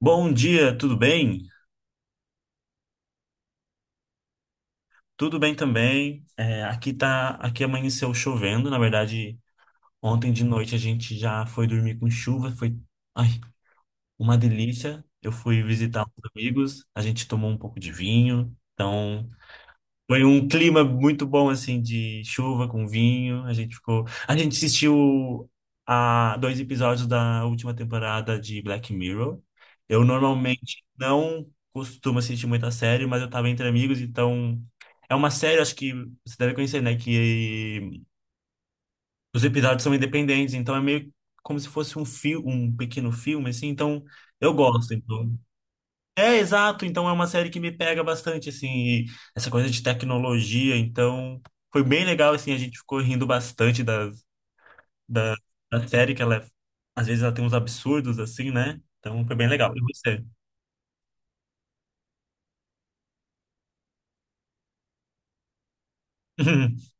Bom dia, tudo bem? Tudo bem também. É, aqui amanheceu chovendo. Na verdade, ontem de noite a gente já foi dormir com chuva. Foi, ai, uma delícia. Eu fui visitar os amigos. A gente tomou um pouco de vinho. Então, foi um clima muito bom, assim, de chuva com vinho. A gente ficou. A gente assistiu a dois episódios da última temporada de Black Mirror. Eu normalmente não costumo assistir muita série, mas eu tava entre amigos, então. É uma série, acho que você deve conhecer, né? Que os episódios são independentes, então é meio como se fosse um fio, um pequeno filme, assim. Então, eu gosto. Então, é, exato. Então é uma série que me pega bastante, assim, e essa coisa de tecnologia. Então foi bem legal, assim, a gente ficou rindo bastante da, da série, às vezes, ela tem uns absurdos, assim, né? Então foi bem legal. E você?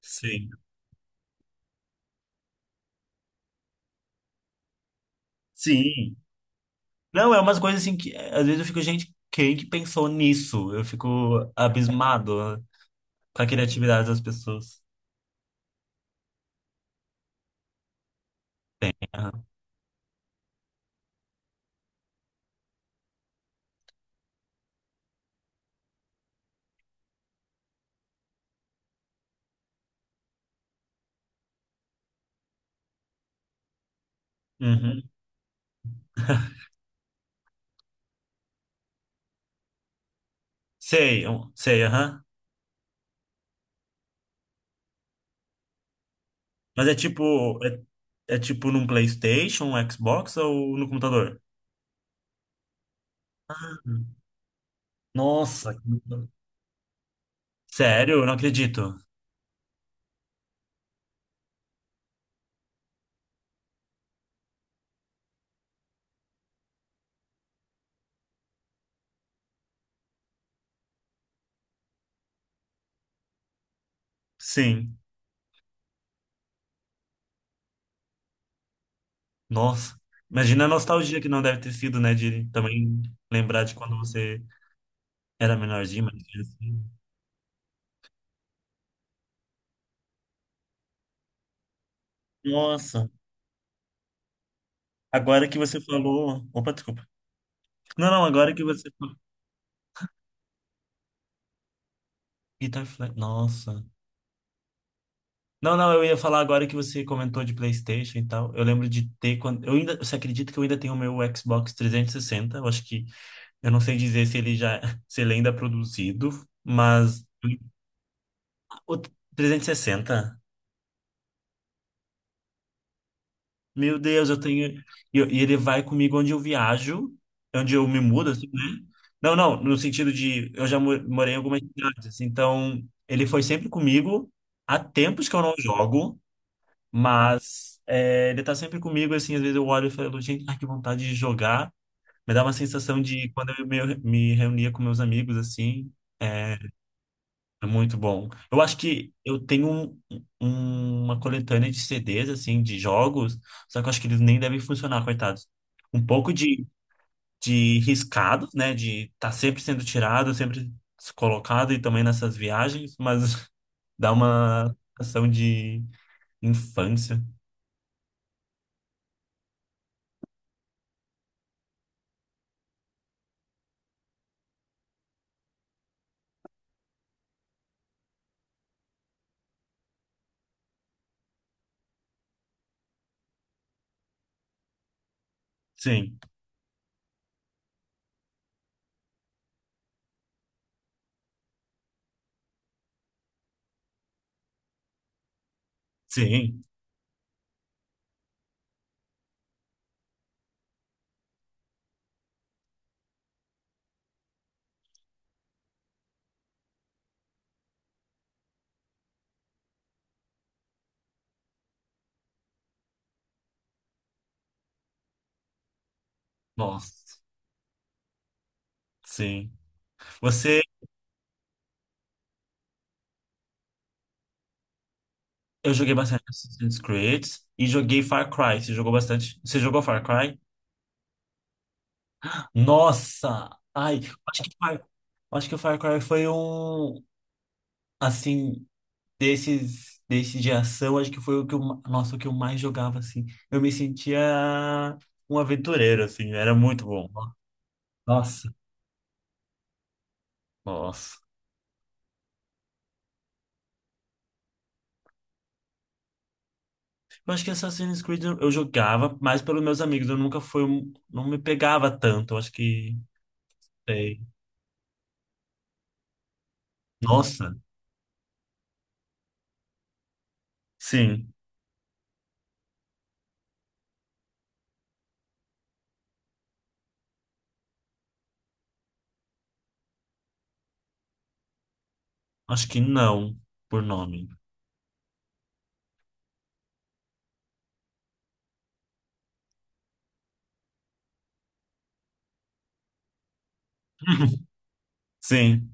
Sim. Sim. Não, é umas coisas assim que é, às vezes eu fico, gente, quem que pensou nisso? Eu fico abismado, né, com a criatividade das pessoas. Aham. Uhum. Sei, sei, aham. Mas é tipo num PlayStation, um Xbox ou no computador? Uhum. Nossa, sério? Eu não acredito. Sim, nossa. Imagina a nostalgia que não deve ter sido, né? De também lembrar de quando você era menorzinho, mais criancinha. Nossa, agora que você falou. Opa, desculpa. Não, não, agora que você. Guitar Flash. Nossa. Não, não, eu ia falar agora que você comentou de PlayStation e tal. Eu lembro de ter quando. Eu ainda... Você acredita que eu ainda tenho o meu Xbox 360? Eu acho que. Eu não sei dizer se ele já, se ele ainda é produzido, mas o 360, meu Deus, eu tenho. E ele vai comigo onde eu viajo, onde eu me mudo, assim, né? Não, não, no sentido de eu já morei em algumas cidades, então ele foi sempre comigo. Há tempos que eu não jogo, mas é, ele tá sempre comigo, assim, às vezes eu olho e falo, gente, ai, que vontade de jogar. Me dá uma sensação de quando me reunia com meus amigos, assim, eh, é muito bom. Eu acho que eu tenho uma coletânea de CDs, assim, de jogos, só que eu acho que eles nem devem funcionar, coitados. Um pouco de riscado, né? De estar tá sempre sendo tirado, sempre colocado, e também nessas viagens, mas dá uma sensação de infância. Sim, sim. Nossa, sim. Você, eu joguei bastante Assassin's Creed e joguei Far Cry. Você jogou bastante? Você jogou Far Cry? Nossa! Ai, acho que, acho que o Far Cry foi um, assim, desses de ação, acho que foi o que eu, nossa, o que eu mais jogava, assim. Eu me sentia um aventureiro, assim, era muito bom. Nossa, nossa. Eu acho que Assassin's Creed eu jogava mais pelos meus amigos, eu nunca fui, não me pegava tanto, eu acho que, sei. Nossa, sim, acho que não, por nome. Sim.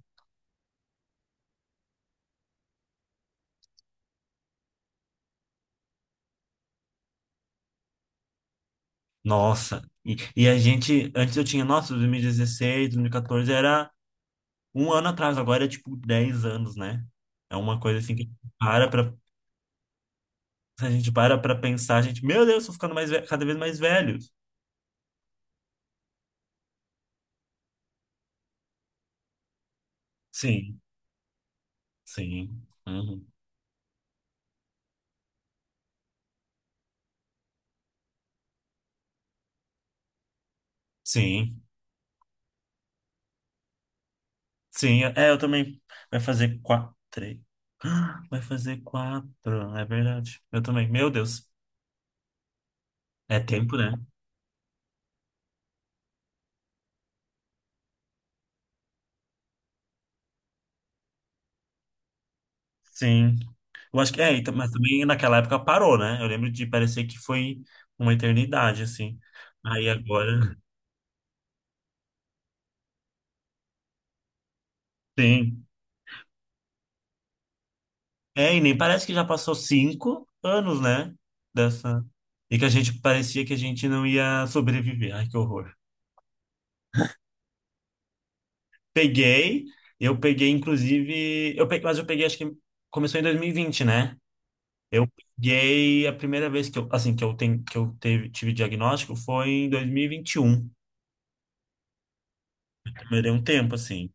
Nossa, e a gente, antes eu tinha, nossa, 2016, 2014 era um ano atrás, agora é tipo 10 anos, né? É uma coisa assim que a gente para pra, se a gente para pra pensar, a gente, meu Deus, tô ficando mais cada vez mais velho. Sim, sim, uhum, sim, sim, é, eu também, vai fazer quatro, três, vai fazer quatro, é verdade, eu também, meu Deus, é tempo, né? Sim. Eu acho que é, mas também naquela época parou, né? Eu lembro de parecer que foi uma eternidade, assim. Aí agora tem. É, e nem parece que já passou 5 anos, né? Dessa. E que a gente parecia que a gente não ia sobreviver. Ai, que horror. Peguei, eu peguei, inclusive. Eu peguei, acho que começou em 2020, né? Eu peguei a primeira vez que eu, assim, que eu, ten, que eu teve, tive diagnóstico foi em 2021. Demorei um tempo, assim.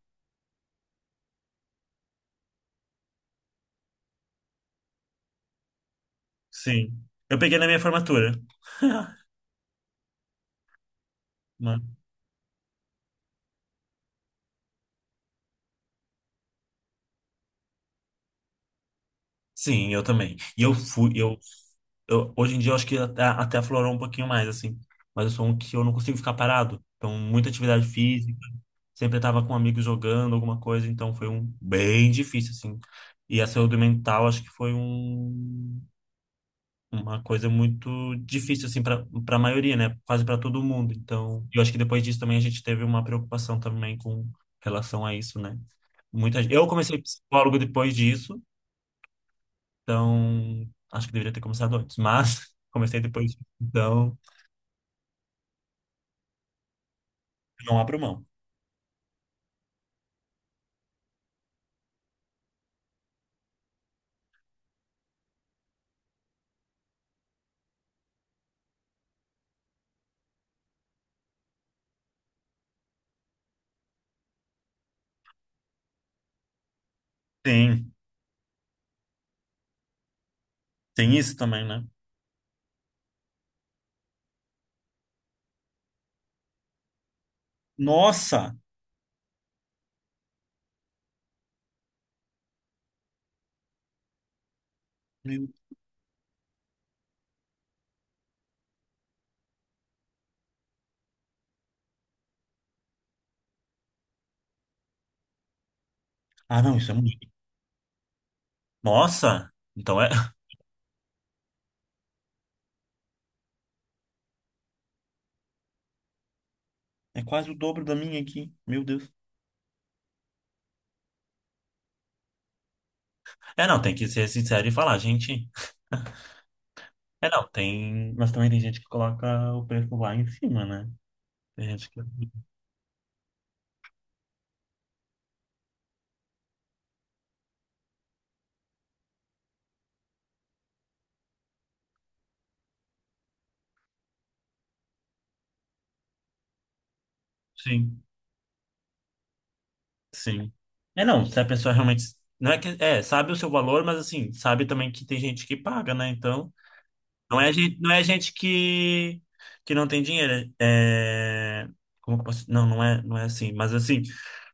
Sim. Eu peguei na minha formatura. Né? Sim, eu também. Eu hoje em dia eu acho que até aflorou um pouquinho mais, assim. Mas eu sou um que eu não consigo ficar parado. Então, muita atividade física, sempre estava com um amigo jogando alguma coisa, então foi um bem difícil, assim. E a saúde mental acho que foi uma coisa muito difícil, assim, para a maioria, né? Quase para todo mundo. Então, eu acho que depois disso também a gente teve uma preocupação também com relação a isso, né? Muita, eu comecei psicólogo depois disso. Então, acho que deveria ter começado antes, mas comecei depois. Então, não abro mão. Tem, tem isso também, né? Nossa! Meu- Ah, não, isso é muito. Nossa! Então é, é quase o dobro da minha aqui. Meu Deus. É, não, tem que ser sincero e falar, gente. É, não, tem. Mas também tem gente que coloca o preço lá em cima, né? Tem gente que. Sim, sim. É, não, se a pessoa realmente. Não é que. É, sabe o seu valor, mas assim, sabe também que tem gente que paga, né? Então. Não é gente, não é gente que não tem dinheiro. É... Como que eu posso... Não, não é assim. Mas assim,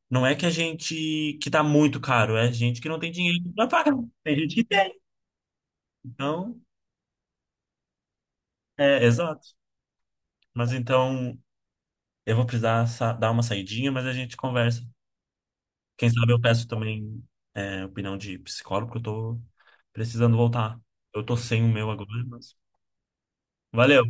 não é que a gente que tá muito caro, é gente que não tem dinheiro pra pagar. Tem gente que tem. Então, é, exato. Mas então, eu vou precisar dar uma saidinha, mas a gente conversa. Quem sabe eu peço também opinião de psicólogo, porque eu tô precisando voltar. Eu tô sem o meu agora, mas... Valeu!